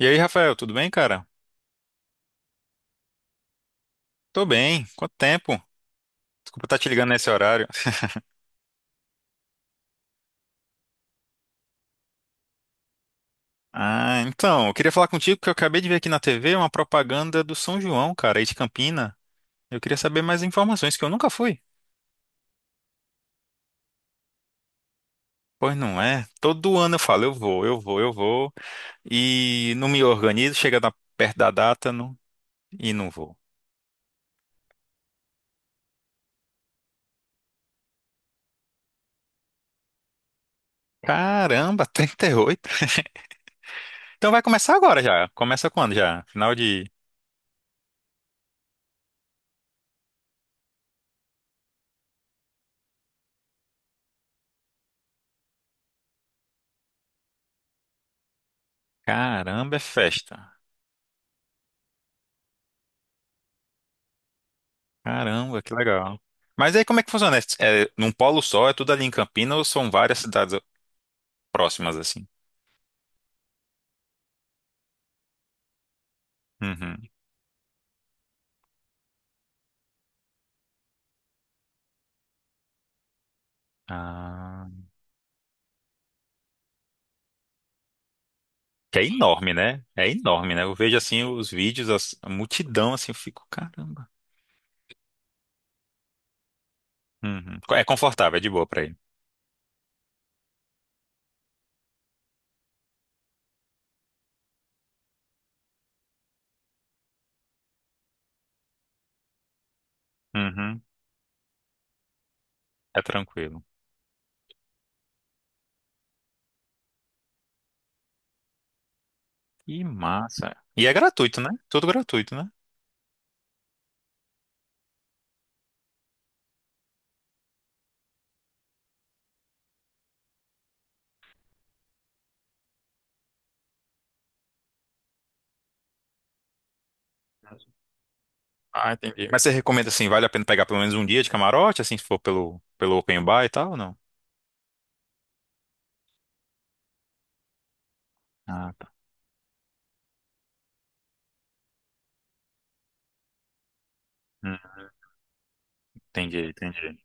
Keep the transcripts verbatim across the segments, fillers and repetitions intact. E aí, Rafael, tudo bem, cara? Tô bem. Quanto tempo? Desculpa estar te ligando nesse horário. Ah, então, eu queria falar contigo que eu acabei de ver aqui na T V uma propaganda do São João, cara, aí de Campina. Eu queria saber mais informações, que eu nunca fui. Pois não é? Todo ano eu falo, eu vou, eu vou, eu vou. E não me organizo, chega na- perto da data não- e não vou. Caramba, trinta e oito. Então vai começar agora já. Começa quando já? Final de. Caramba, é festa. Caramba, que legal. Mas aí como é que funciona? É, é num polo só, é tudo ali em Campinas ou são várias cidades próximas assim? Uhum. Ah, que é enorme, né? É enorme, né? Eu vejo assim os vídeos, as- a multidão assim, eu fico, caramba. Uhum. É confortável, é de boa pra ir. Uhum. É tranquilo. Que massa. E é gratuito, né? Tudo gratuito, né? Ah, entendi. Mas você recomenda assim, vale a pena pegar pelo menos um dia de camarote, assim, se for pelo, pelo open bar e tal, ou não? Ah, tá. Hum, entendi, entendi.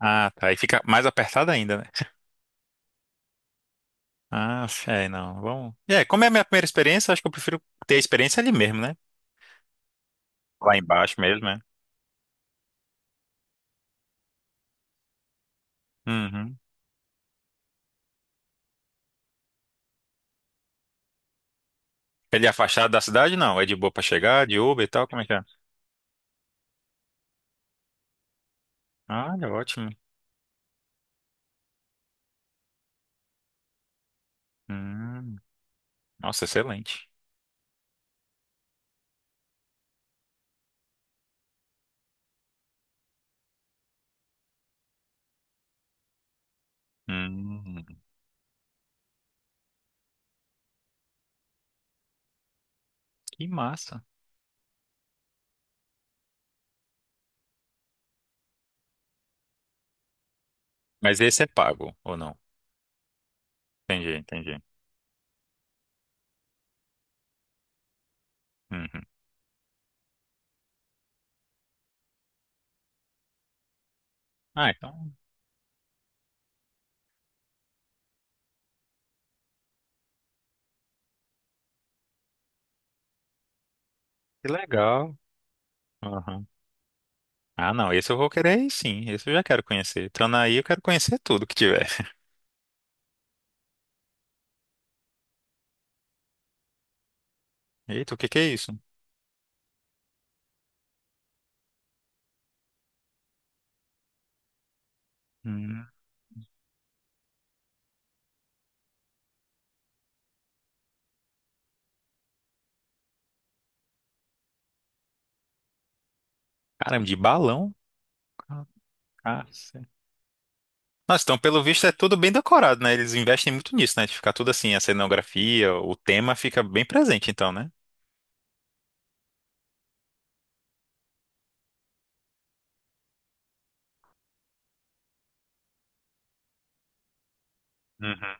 Ah, tá. Aí fica mais apertado ainda, né? Ah, é, não. Vamos. É, como é a minha primeira experiência, acho que eu prefiro ter a experiência ali mesmo, né? Lá embaixo mesmo, né? Uhum. Ele é afastado da cidade? Não. É de boa pra chegar, de Uber e tal? Como é que é? Ah, é ótimo. Hum. Nossa, excelente. Hum. Que massa. Mas esse é pago, ou não? Entendi, entendi. Uhum. Ah, então, que legal. Uhum. Ah, não, esse eu vou querer ir, sim. Esse eu já quero conhecer. Entrando aí, eu quero conhecer tudo que tiver. Eita, o que que é isso? Hum. Caramba, de balão? Caraca. Nossa, então pelo visto é tudo bem decorado, né? Eles investem muito nisso, né? De ficar tudo assim, a cenografia, o tema fica bem presente, então, né? Uhum.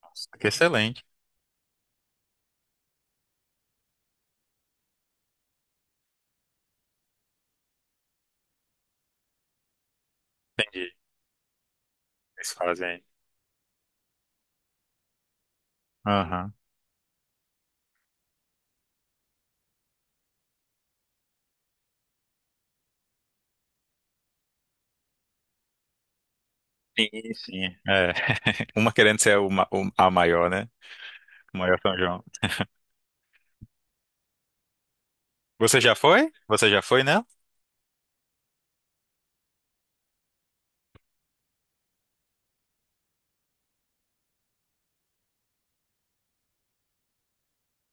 Nossa, que excelente. Entendi. O que eles fazem aí. Aham. Sim, sim. É. Uma querendo ser o ma- o- a maior, né? O maior São João. Você já foi? Você já foi, né?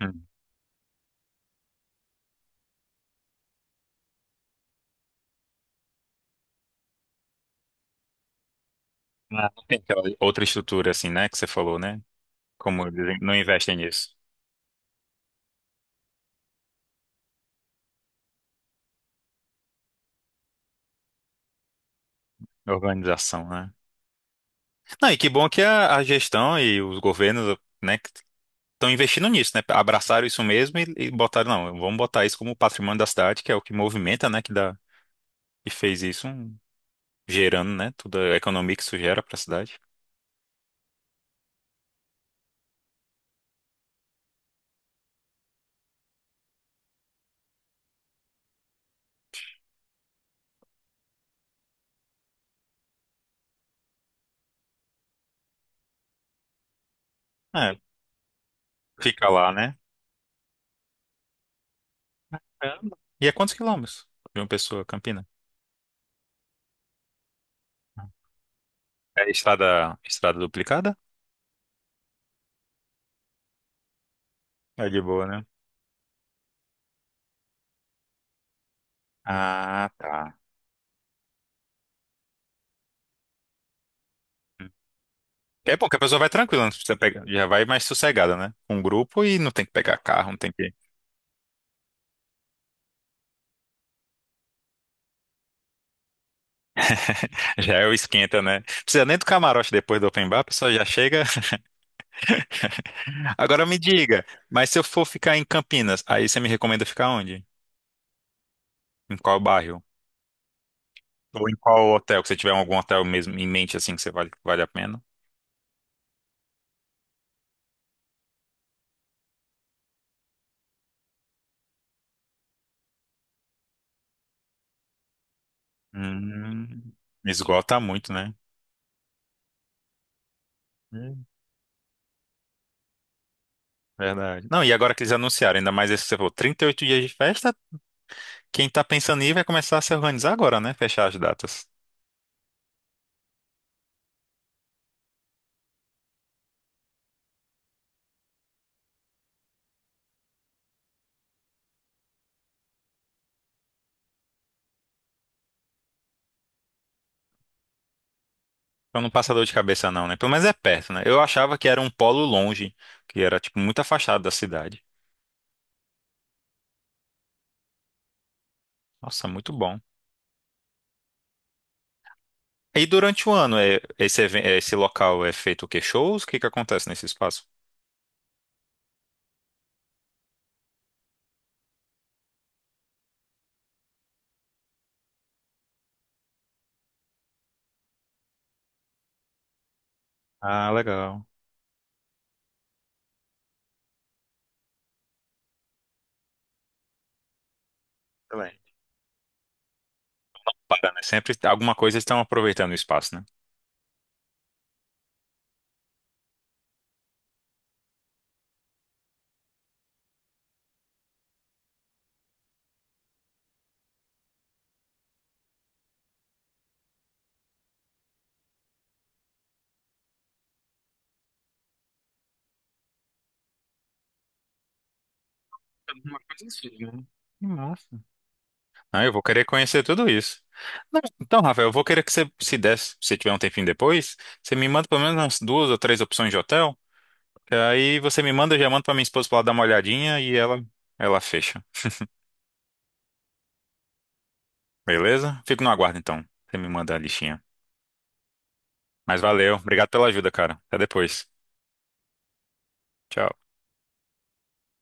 Hum. Ah, não tem aquela outra estrutura assim, né? Que você falou, né? Como eles não investem nisso. Organização, né? Não, e que bom que a, a gestão e os governos, né? Estão investindo nisso, né? Abraçaram isso mesmo e, e botaram, não, vamos botar isso como patrimônio da cidade, que é o que movimenta, né? Que dá, e fez isso, um- gerando, né? Toda a economia que isso gera para a cidade. É, fica lá, né? É. E é quantos quilômetros de uma pessoa, Campina? É estrada, estrada duplicada? É de boa, né? Ah, tá. É bom que a pessoa vai tranquila, não precisa pegar, já vai mais sossegada, né? Com um grupo e não tem que pegar carro, não tem que. Já é o esquenta, né? Precisa nem do camarote depois do open bar, a pessoa já chega. Agora me diga, mas se eu for ficar em Campinas, aí você me recomenda ficar onde? Em qual bairro? Ou em qual hotel? Que você tiver algum hotel mesmo em mente assim que você vale, vale a pena? Hum, esgota muito, né? Hum, verdade. Não, e agora que eles anunciaram, ainda mais esse que você falou, trinta e oito dias de festa, quem tá pensando em ir vai começar a se organizar agora, né? Fechar as datas. Então não passa dor de cabeça não, né? Pelo menos é perto, né? Eu achava que era um polo longe, que era tipo muito afastado da cidade. Nossa, muito bom. E durante o ano, é, esse, even- esse local é feito o quê? Shows? O que que acontece nesse espaço? Ah, legal. Excelente. Para, né? Sempre alguma coisa estão aproveitando o espaço, né? Alguma coisa assim, né? Que massa. Ah, eu vou querer conhecer tudo isso. Não, então, Rafael, eu vou querer que você, se desse, se tiver um tempinho depois, você me manda pelo menos umas duas ou três opções de hotel. Que Aí você me manda, eu já mando pra minha esposa pra ela dar uma olhadinha e ela, ela fecha. Beleza? Fico no aguardo, então. Você me manda a listinha. Mas valeu. Obrigado pela ajuda, cara. Até depois. Tchau.